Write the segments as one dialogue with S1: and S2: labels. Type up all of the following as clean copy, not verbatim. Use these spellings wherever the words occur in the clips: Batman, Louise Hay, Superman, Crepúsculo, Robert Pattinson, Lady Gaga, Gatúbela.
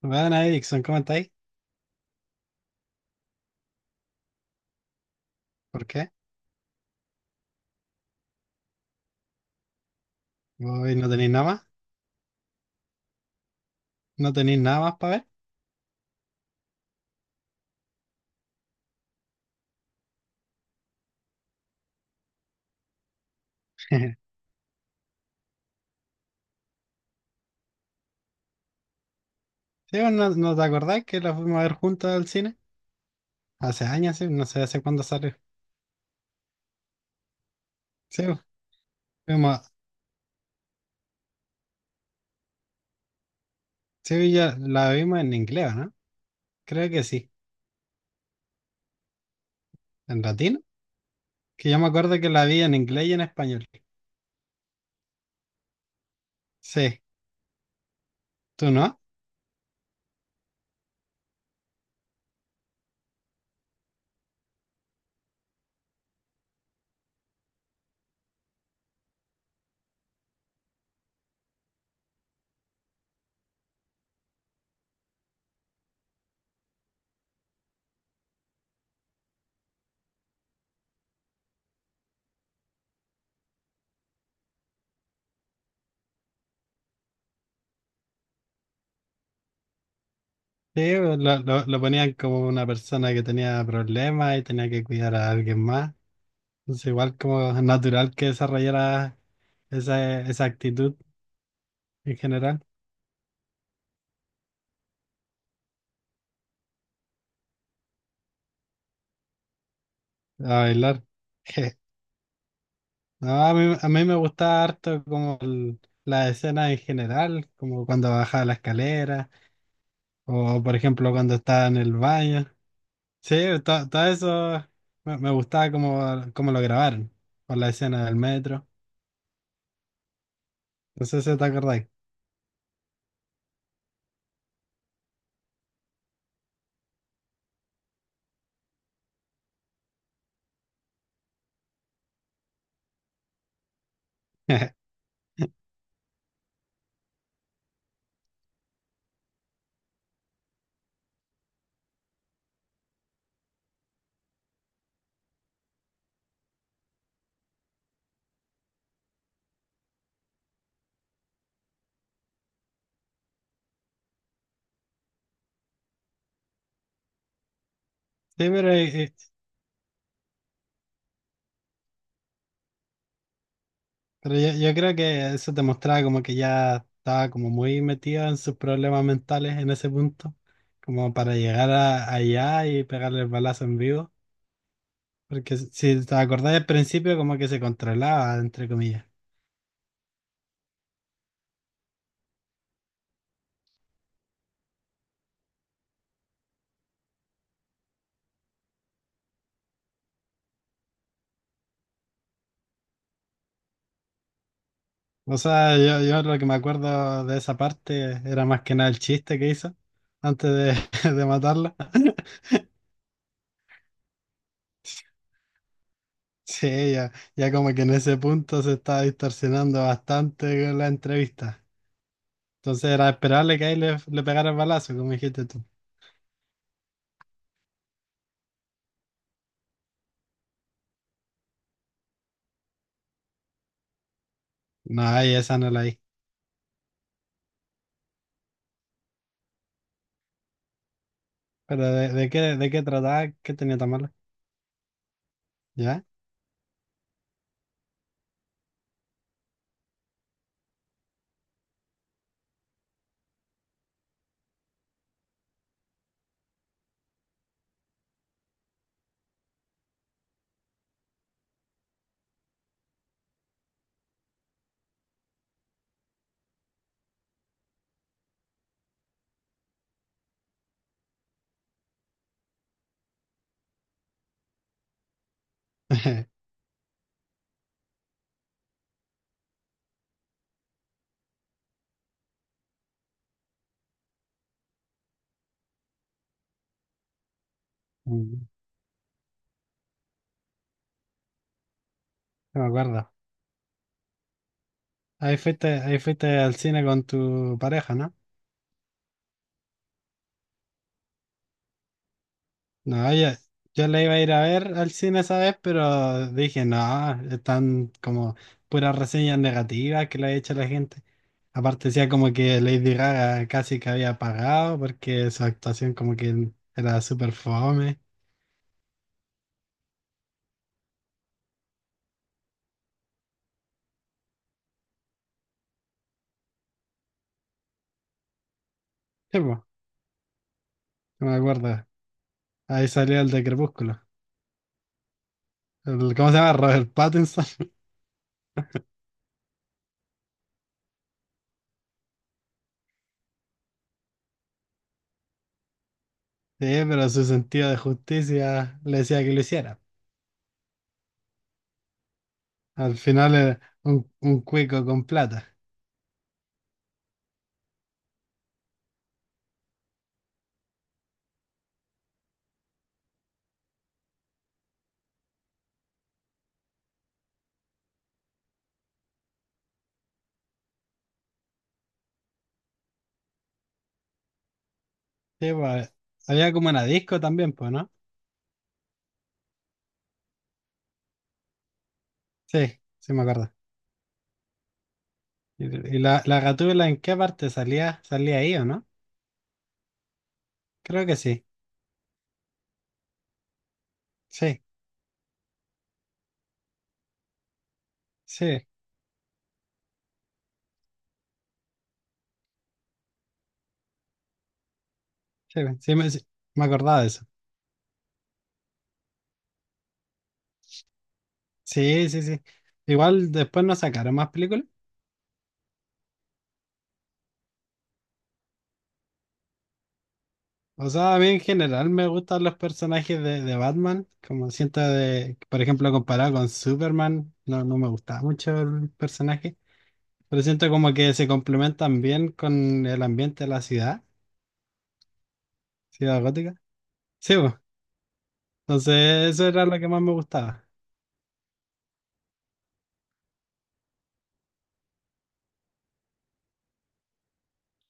S1: Bueno, Erickson, ¿cómo estáis? ¿Por qué? ¿Hoy no tenéis nada más? ¿No tenéis nada más para ver? Sí, vos, ¿no te acordás que la fuimos a ver juntos al cine? Hace años, sí, no sé hace cuándo salió. Sí, vos, fuimos- sí, ya la vimos en inglés, ¿no? Creo que sí. ¿En latino? Que yo me acuerdo que la vi en inglés y en español. Sí, ¿tú no? Sí, vos, lo ponían como una persona que tenía problemas y tenía que cuidar a alguien más. Entonces, igual como natural que desarrollara esa actitud en general. A bailar. No, a mí me gusta harto la escena en general, como cuando baja la escalera o por ejemplo cuando está en el baño. Sí, todo eso me gustaba como, como lo grabaron con la escena del metro. No sé si te acordáis. Sí, pero yo creo que eso te mostraba como que ya estaba como muy metido en sus problemas mentales en ese punto, como para allá y pegarle el balazo en vivo. Porque si te acordás al principio, como que se controlaba, entre comillas. O sea, yo lo que me acuerdo de esa parte era más que nada el chiste que hizo antes de, de matarla. Sí, ya, ya como que en ese punto se estaba distorsionando bastante con la entrevista. Entonces era esperable que ahí le pegara el balazo, como dijiste tú. No, ahí esa no la vi. Pero de qué trataba, qué tenía tan malo, ¿ya? Mm. No me acuerdo. Ahí fuiste al cine con tu pareja, ¿no? No, ya, yo la iba a ir a ver al cine esa vez, pero dije, no, están como puras reseñas negativas que le ha hecho la gente. Aparte decía como que Lady Gaga casi que había pagado porque su actuación como que era súper fome. Sí, po, no me acuerdo. Ahí salió el de Crepúsculo. ¿Cómo se llama? Robert Pattinson. Sí, pero su sentido de justicia le decía que lo hiciera. Al final era un cuico con plata. Sí, po, había como una disco también, pues, no. Sí, sí me acuerdo. ¿Y, la Gatúbela en qué parte salía? ¿Salía ahí o no? Creo que sí. Sí, sí, sí, me, sí, me acordaba de eso. Sí, sí, sí. Igual después no sacaron más películas. O sea, a mí en general me gustan los personajes de Batman. Como siento de, por ejemplo, comparado con Superman, no me gustaba mucho el personaje. Pero siento como que se complementan bien con el ambiente de la ciudad gótica. Sí, pues. Entonces eso era lo que más me gustaba.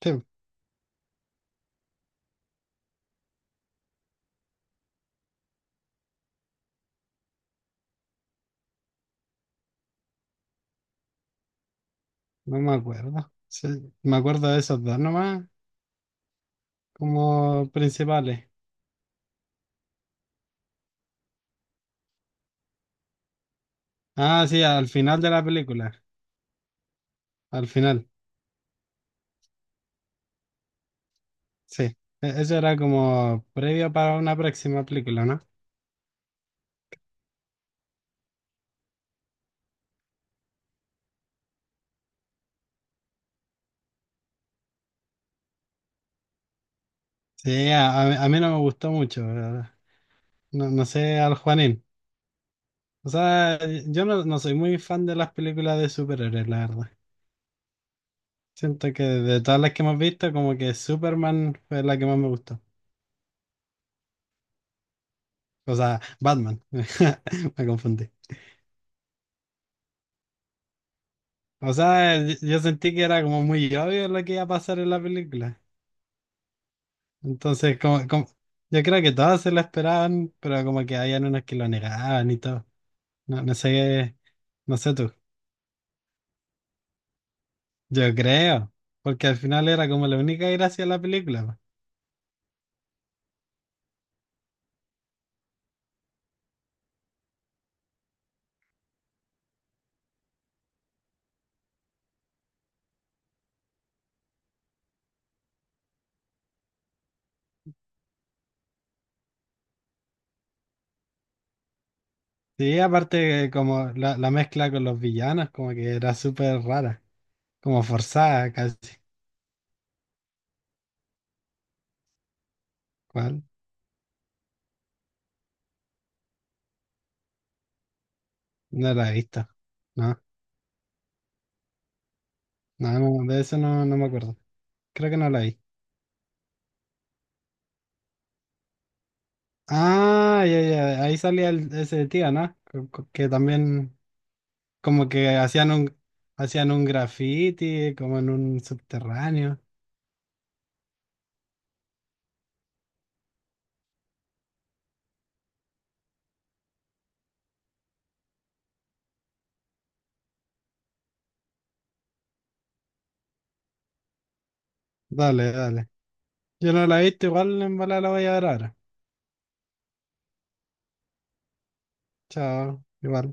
S1: Sí. No me acuerdo. Sí, me acuerdo de esos dos nomás, como principales. Ah, sí, al final de la película. Al final, sí. Eso era como previo para una próxima película, ¿no? Sí, a mí no me gustó mucho. No, no sé, al Juanín. O sea, yo no, no soy muy fan de las películas de superhéroes, la verdad. Siento que de todas las que hemos visto, como que Superman fue la que más me gustó. O sea, Batman. Me confundí. O sea, yo sentí que era como muy obvio lo que iba a pasar en la película. Entonces, yo creo que todas se lo esperaban, pero como que habían unos que lo negaban y todo. No, no sé, no sé tú. Yo creo, porque al final era como la única gracia de la película, po. Sí, aparte como la mezcla con los villanos, como que era súper rara, como forzada casi. ¿Cuál? No la he visto. No, no, de eso no, no me acuerdo. Creo que no la vi. Ah, ya, ya, ahí salía ese tío, ¿no? Que también como que hacían un graffiti como en un subterráneo. Dale, dale. Yo no la he visto, igual en bola la voy a ver ahora. Chao. Igual.